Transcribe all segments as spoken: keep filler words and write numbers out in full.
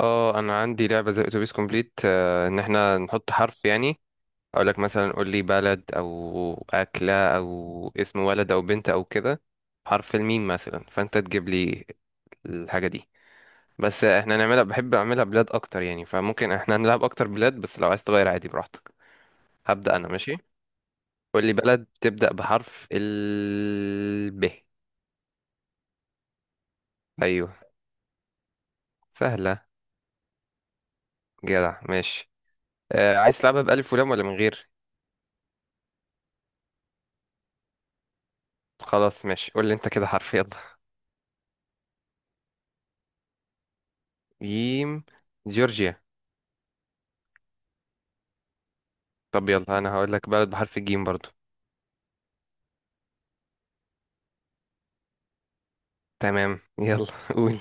اه انا عندي لعبه زي اتوبيس كومبليت آه، ان احنا نحط حرف يعني اقول لك مثلا. قول لي بلد او اكله او اسم ولد او بنت او كده، حرف الميم مثلا، فانت تجيب لي الحاجه دي. بس احنا نعملها، بحب اعملها بلاد اكتر يعني، فممكن احنا نلعب اكتر بلاد، بس لو عايز تغير عادي براحتك. هبدا انا. ماشي. قول لي بلد تبدا بحرف ال ب. ايوه. سهله. جدع ماشي. آه، عايز تلعبها بالف ولام ولا من غير؟ خلاص ماشي. قول لي انت كده حرف، يلا. جيم. جورجيا. طب يلا، انا هقول لك بلد بحرف الجيم برضو. تمام يلا قول.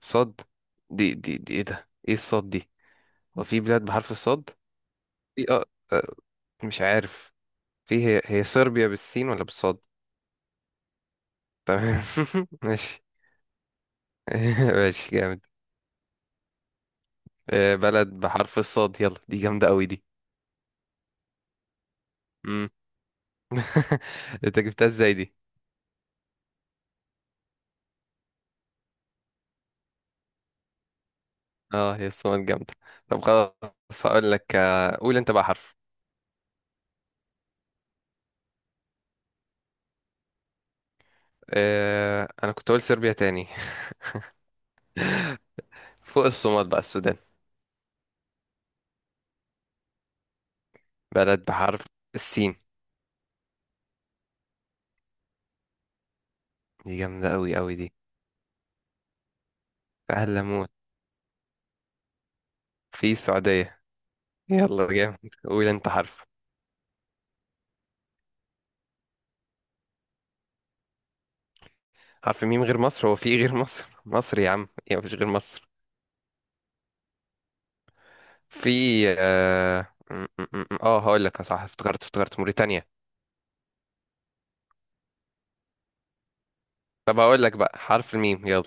صاد. دي دي دي ايه ده، ايه الصاد دي؟ هو في بلاد بحرف الصاد. في اه. آه، مش عارف. في، هي هي صربيا بالسين ولا بالصاد؟ تمام. ماشي. ماشي جامد. آه، بلد بحرف الصاد، يلا، دي جامدة قوي دي. مم. انت جبتها ازاي دي؟ اه هي الصومال جامدة. طب خلاص هقول لك، آه، قول انت بقى حرف. آه، انا كنت اقول صربيا تاني. فوق الصومال بقى السودان. بلد بحرف السين. دي جامدة أوي أوي دي. فهل أموت. في السعودية. يلا جامد. قول أنت حرف. حرف ميم غير مصر، هو في إيه غير مصر؟ مصر يا عم، يا مفيش غير مصر. في آه, م- م- م- آه هقول لك صح، افتكرت افتكرت موريتانيا. طب هقول لك بقى حرف الميم يلا.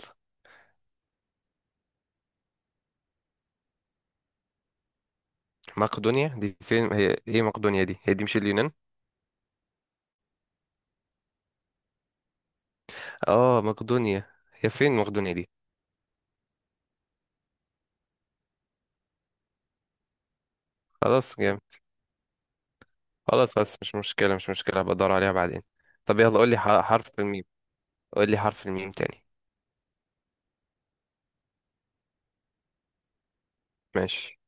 مقدونيا دي فين؟ هي ايه مقدونيا دي؟ هي دي مش اليونان؟ اه مقدونيا هي فين مقدونيا دي؟ خلاص جامد. خلاص بس مش مشكلة مش مشكلة، هبقى ادور عليها بعدين. طب يلا قول لي ح- حرف الميم. قول لي حرف الميم تاني. ماشي.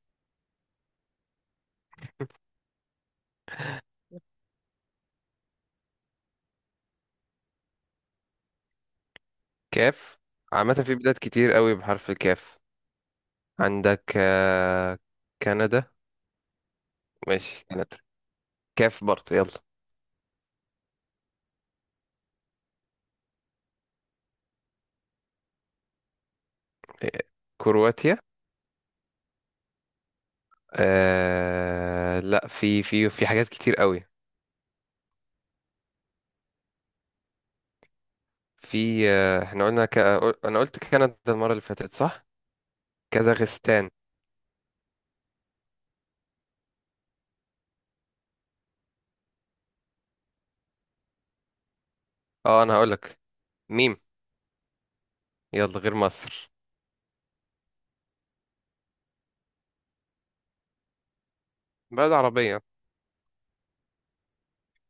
كاف. عامة في بلاد كتير قوي بحرف الكاف. عندك آه، كندا. ماشي كندا. كاف برضه يلا. آه، كرواتيا. آه لا، في في في حاجات كتير قوي. في آه احنا قلنا ك... انا قلت كندا المرة اللي فاتت صح. كازاخستان. اه انا هقولك. ميم. يلا غير مصر. بلد عربية.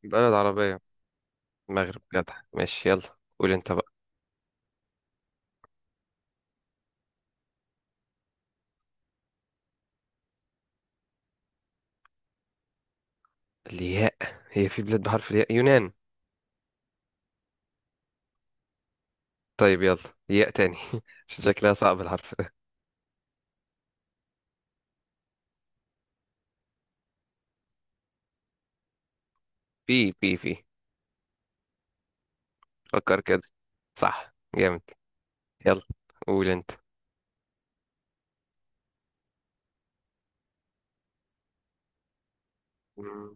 بلد عربية. المغرب جدع ماشي، يلا قول انت بقى. الياء. هي في بلاد بحرف الياء، يونان. طيب يلا. ياء تاني. عشان شكلها صعب الحرف ده. بي بي بي فكر كده، صح جامد. يلا. قول انت. مم.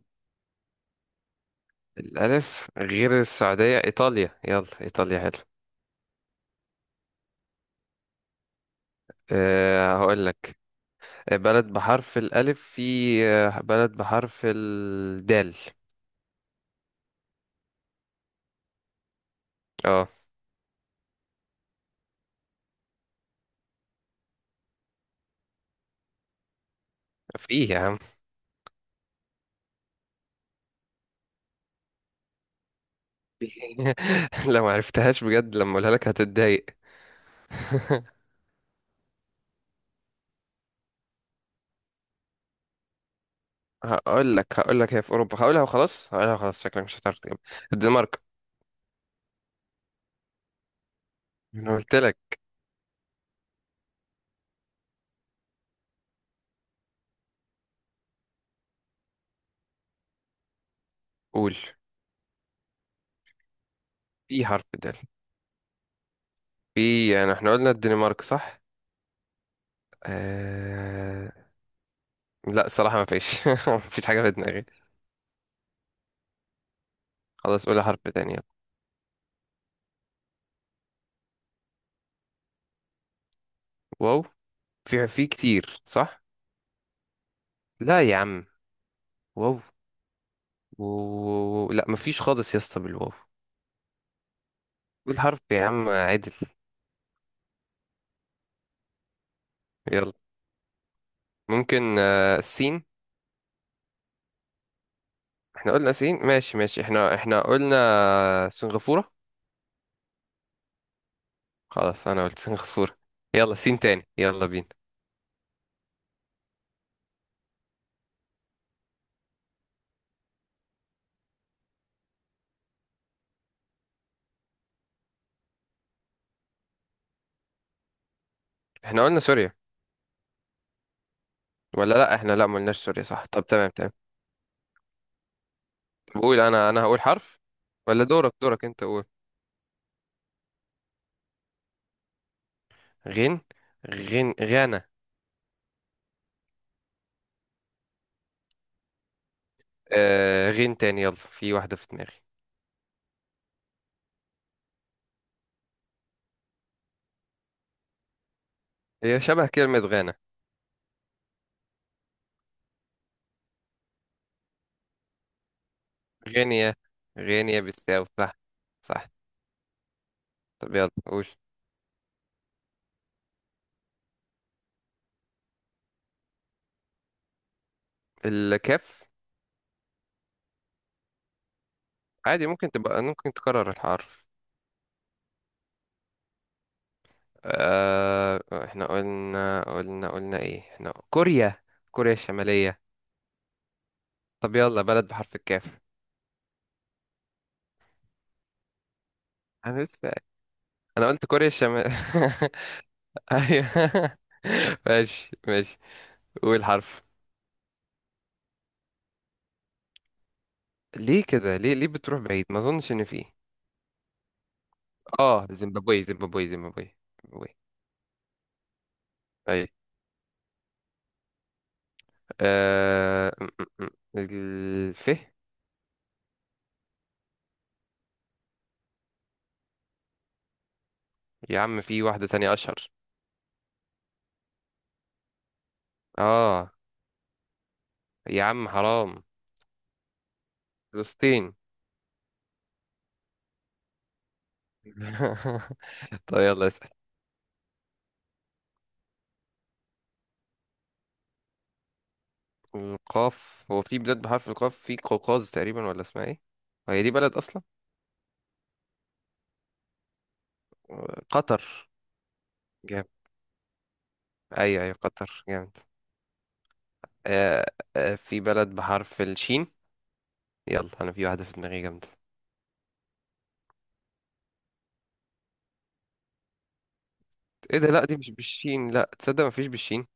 الألف غير السعودية، إيطاليا، يلا إيطاليا حلو. أه هقول لك بلد بحرف الألف. في آه، بلد بحرف الدال. اه. في يا عم. في. لو ما عرفتهاش بجد لما اقولها لك هتتضايق. هقول لك هقول لك هي في أوروبا، هقولها وخلاص، هقولها وخلاص، شكلك مش هتعرف تجيبها. الدنمارك. انا قلت لك. قول. في حرف دال. في يعني احنا قلنا الدنمارك صح. آه... لا الصراحة ما فيش ما فيش حاجة في دماغي. خلاص قولي حرف تاني. واو. في في كتير صح. لا يا عم. واو. و... لا ما فيش خالص يا اسطى بالواو. قول حرف يا عم عدل. يلا. ممكن آه، السين. احنا قلنا سين. ماشي ماشي احنا احنا قلنا سنغافورة. خلاص انا قلت سنغافورة. يلا سين تاني، يلا بينا. احنا قلنا سوريا؟ ولا لا احنا لا ما قلناش سوريا صح، طب تمام تمام. بقول انا انا هقول حرف. ولا دورك؟ دورك انت قول. غين. غين غانا. آه غين تاني يلا، في واحدة في دماغي. هي شبه كلمة غانا. غينيا. غينيا بالساو صح. صح. طب يلا قول. الكاف. عادي، ممكن تبقى ممكن تكرر الحرف. آه. احنا قلنا قلنا قلنا ايه؟ احنا كوريا، كوريا الشمالية. طب يلا بلد بحرف الكاف. انا لسه. انا قلت كوريا الشمال. ايوه ماشي ماشي. قول حرف. ليه كده ليه ليه بتروح بعيد؟ ما اظنش ان في. اه زيمبابوي زيمبابوي زيمبابوي زيمبابوي. طيب. آه... م- م- م. الف. يا عم في واحدة تانية اشهر. اه. يا عم حرام. فلسطين. طيب يلا اسأل. القاف، هو في بلاد بحرف القاف؟ في قوقاز تقريبا، ولا اسمها ايه؟ آه، هي دي بلد اصلا. آه، قطر. جامد. ايوه ايوه قطر جامد. آه... آه... في بلد بحرف الشين. يلا انا في واحدة في دماغي جامدة. ايه ده، لا دي مش بالشين، لا تصدق مفيش بالشين.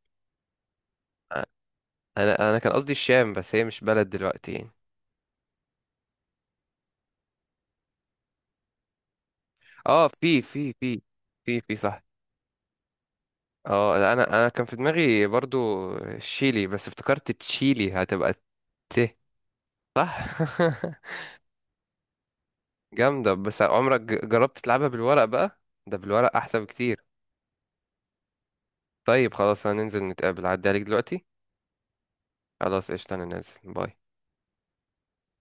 انا انا كان قصدي الشام، بس هي مش بلد دلوقتي يعني. اه في في في في في صح. اه لا، انا انا كان في دماغي برضو الشيلي، بس افتكرت تشيلي هتبقى. ت. صح. جامدة، بس عمرك ج- جربت تلعبها بالورق بقى؟ ده بالورق احسن بكتير. طيب خلاص هننزل نتقابل عدي عليك دلوقتي. خلاص قشطة، انا نازل، باي.